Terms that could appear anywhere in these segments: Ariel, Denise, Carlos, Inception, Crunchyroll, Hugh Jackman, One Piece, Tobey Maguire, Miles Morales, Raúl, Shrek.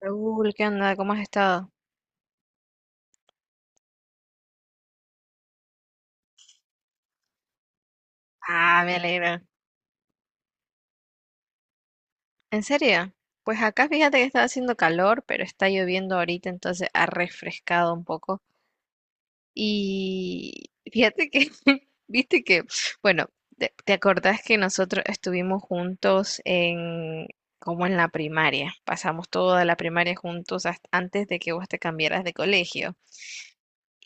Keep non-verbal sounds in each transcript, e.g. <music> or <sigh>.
Raúl, ¿qué onda? ¿Cómo has estado? Ah, me alegra. ¿En serio? Pues acá fíjate que está haciendo calor, pero está lloviendo ahorita, entonces ha refrescado un poco. Y fíjate que, <laughs> viste que, bueno, te acordás que nosotros estuvimos juntos en, como en la primaria. Pasamos toda la primaria juntos hasta antes de que vos te cambiaras de colegio.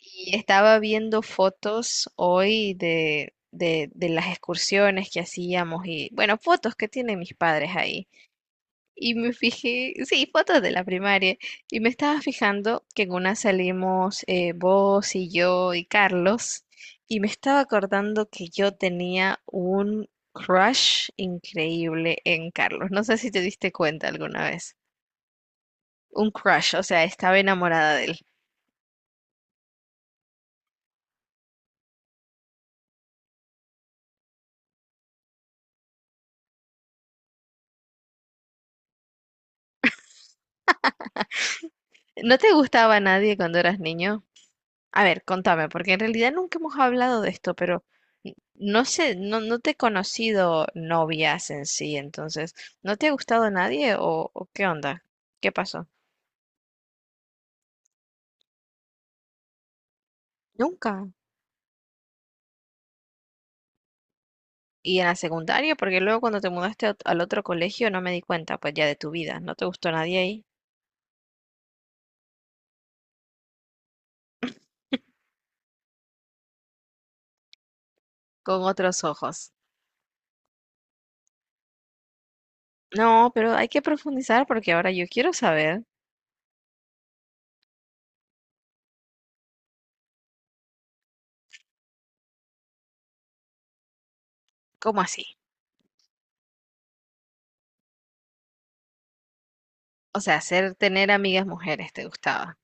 Y estaba viendo fotos hoy de las excursiones que hacíamos y, bueno, fotos que tienen mis padres ahí. Y me fijé, sí, fotos de la primaria. Y me estaba fijando que en una salimos vos y yo y Carlos. Y me estaba acordando que yo tenía un crush increíble en Carlos. No sé si te diste cuenta alguna vez. Un crush, o sea, estaba enamorada de él. ¿No te gustaba nadie cuando eras niño? A ver, contame, porque en realidad nunca hemos hablado de esto, pero no sé, no, no te he conocido novias en sí, entonces, ¿no te ha gustado nadie o qué onda? ¿Qué pasó? Nunca. ¿Y en la secundaria? Porque luego cuando te mudaste a al otro colegio no me di cuenta, pues ya de tu vida, no te gustó nadie ahí, con otros ojos. No, pero hay que profundizar porque ahora yo quiero saber cómo así. O sea, hacer tener amigas mujeres te gustaba.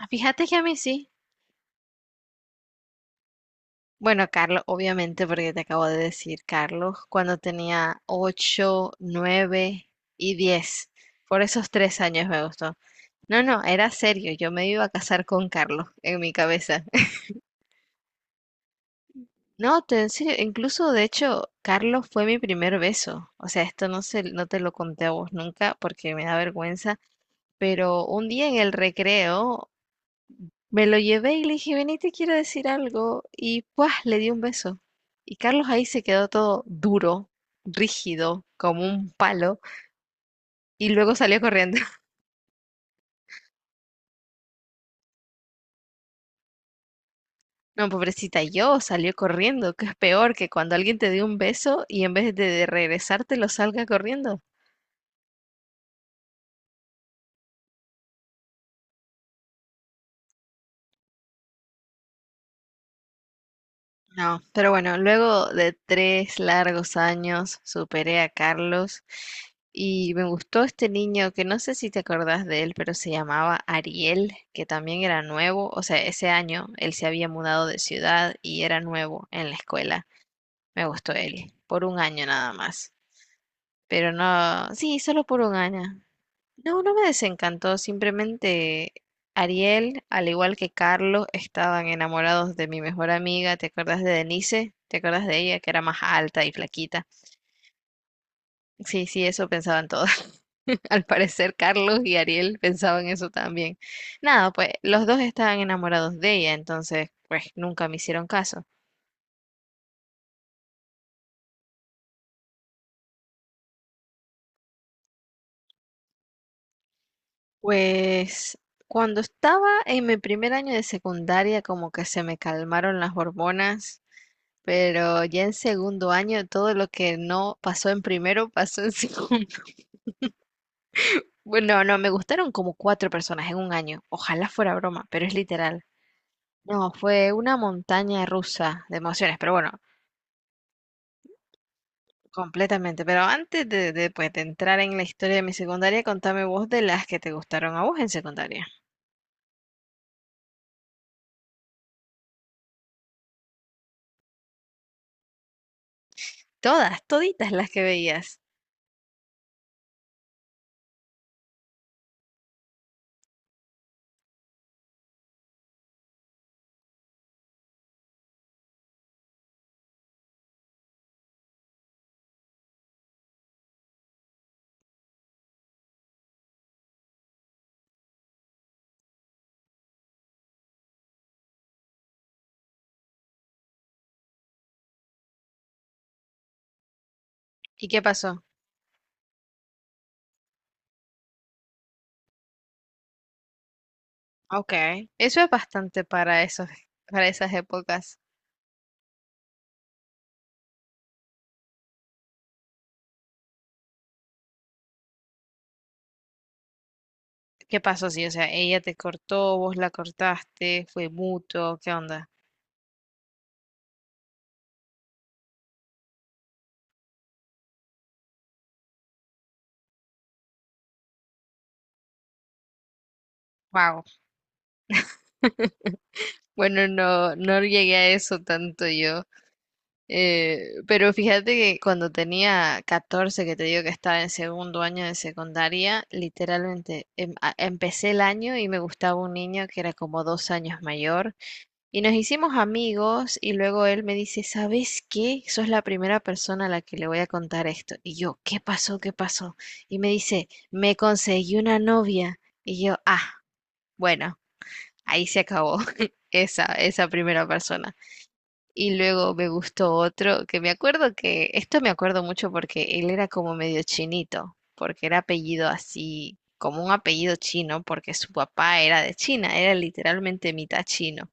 Ah, fíjate que a mí sí. Bueno, Carlos, obviamente, porque te acabo de decir, Carlos, cuando tenía 8, 9 y 10. Por esos 3 años me gustó. No, no, era serio, yo me iba a casar con Carlos en mi cabeza. <laughs> No, en serio, incluso de hecho, Carlos fue mi primer beso. O sea, esto no te lo conté a vos nunca porque me da vergüenza, pero un día en el recreo me lo llevé y le dije, vení, te quiero decir algo. Y pues le di un beso. Y Carlos ahí se quedó todo duro, rígido, como un palo. Y luego salió corriendo. <laughs> No, pobrecita, yo salió corriendo, que es peor que cuando alguien te dé un beso y en vez de regresártelo salga corriendo. No, pero bueno, luego de 3 largos años superé a Carlos y me gustó este niño que no sé si te acordás de él, pero se llamaba Ariel, que también era nuevo, o sea, ese año él se había mudado de ciudad y era nuevo en la escuela. Me gustó él, por un año nada más. Pero no, sí, solo por un año. No, no me desencantó, simplemente Ariel, al igual que Carlos, estaban enamorados de mi mejor amiga, ¿te acuerdas de Denise? ¿Te acuerdas de ella, que era más alta y flaquita? Sí, sí, eso pensaban todos. <laughs> Al parecer Carlos y Ariel pensaban eso también. Nada, pues los dos estaban enamorados de ella, entonces, pues nunca me hicieron caso. Pues cuando estaba en mi primer año de secundaria, como que se me calmaron las hormonas, pero ya en segundo año todo lo que no pasó en primero pasó en <laughs> segundo. Bueno, no, me gustaron como cuatro personas en un año. Ojalá fuera broma, pero es literal. No, fue una montaña rusa de emociones, pero bueno, completamente. Pero antes pues, de entrar en la historia de mi secundaria, contame vos de las que te gustaron a vos en secundaria. Todas, toditas las que veías. ¿Y qué pasó? Ok, eso es bastante para esas épocas. ¿Qué pasó? Sí, o sea, ella te cortó, vos la cortaste, fue mutuo, ¿qué onda? Wow. Bueno, no, no llegué a eso tanto yo. Eh, pero fíjate que cuando tenía 14, que te digo que estaba en segundo año de secundaria, literalmente empecé el año y me gustaba un niño que era como 2 años mayor. Y nos hicimos amigos y luego él me dice, ¿sabes qué? Sos la primera persona a la que le voy a contar esto. Y yo, ¿qué pasó? ¿Qué pasó? Y me dice, me conseguí una novia. Y yo, ah, bueno, ahí se acabó <laughs> esa primera persona. Y luego me gustó otro, que me acuerdo que, esto me acuerdo mucho porque él era como medio chinito, porque era apellido así, como un apellido chino, porque su papá era de China, era literalmente mitad chino.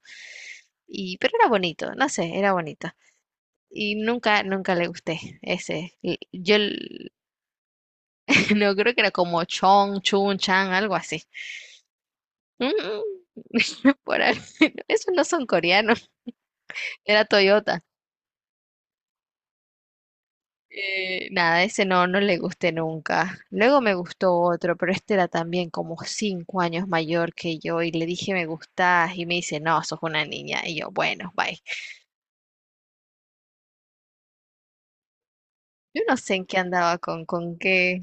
Pero era bonito, no sé, era bonito. Y nunca, nunca le gusté ese. Yo <laughs> no creo que era como Chong, Chun, Chang, algo así. Mm, <laughs> por ahí. <laughs> Esos no son coreanos, <laughs> era Toyota. Nada, ese no, no le gusté nunca. Luego me gustó otro, pero este era también como 5 años mayor que yo y le dije me gustás y me dice, no, sos una niña. Y yo, bueno, bye. Yo no sé en qué andaba con qué.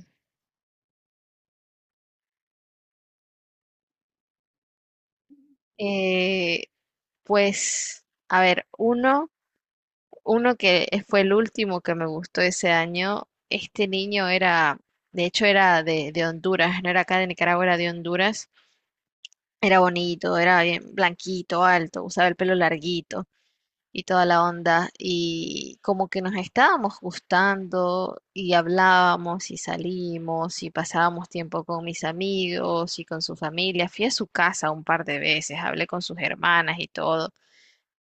Eh, Pues a ver, uno que fue el último que me gustó ese año, este niño era, de hecho era de Honduras, no era acá de Nicaragua, era de Honduras, era bonito, era bien blanquito, alto, usaba el pelo larguito y toda la onda, y como que nos estábamos gustando y hablábamos y salimos y pasábamos tiempo con mis amigos y con su familia, fui a su casa un par de veces, hablé con sus hermanas y todo,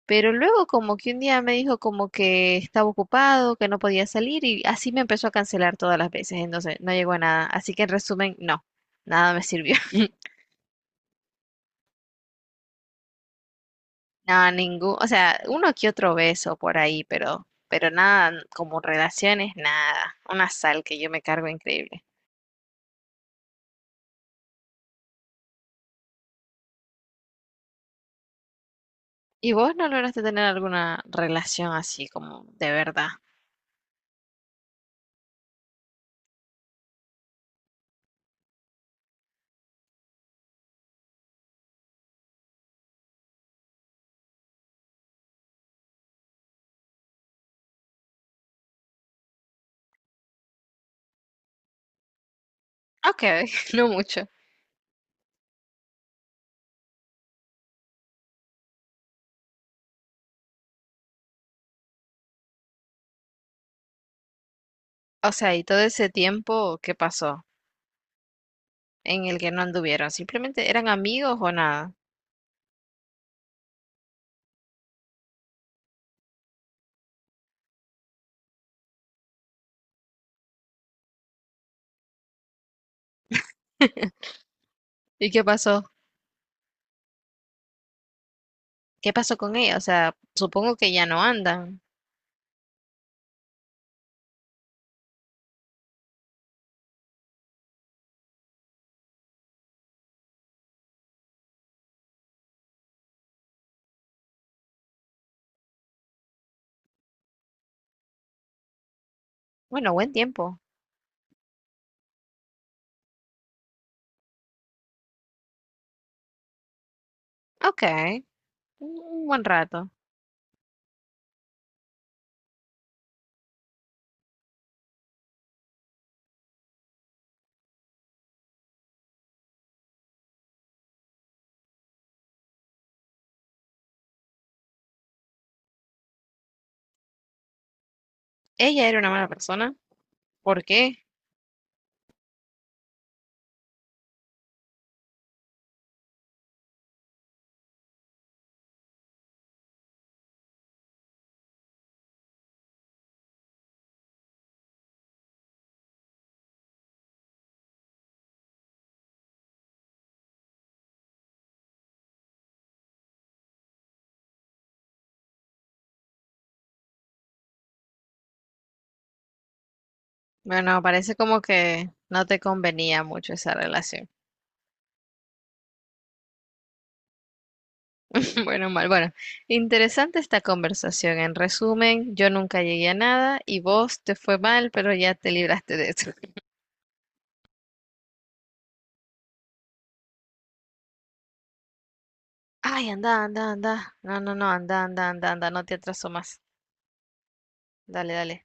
pero luego como que un día me dijo como que estaba ocupado, que no podía salir y así me empezó a cancelar todas las veces, entonces no llegó a nada. Así que en resumen, no, nada me sirvió. <laughs> No, ningún, o sea, uno que otro beso por ahí, pero nada, como relaciones, nada. Una sal que yo me cargo increíble. ¿Y vos no lograste tener alguna relación así como de verdad? Ok, <laughs> no mucho. O sea, ¿y todo ese tiempo qué pasó en el que no anduvieron? ¿Simplemente eran amigos o nada? ¿Y qué pasó? ¿Qué pasó con ella? O sea, supongo que ya no andan. Bueno, buen tiempo. Ok, un buen rato. Ella era una mala persona. ¿Por qué? Bueno, parece como que no te convenía mucho esa relación. <laughs> Bueno, mal. Bueno, interesante esta conversación. En resumen, yo nunca llegué a nada y vos te fue mal, pero ya te libraste de eso. <laughs> Ay, anda, anda, anda. No, no, no, anda, anda, anda, anda. No te atraso más. Dale, dale.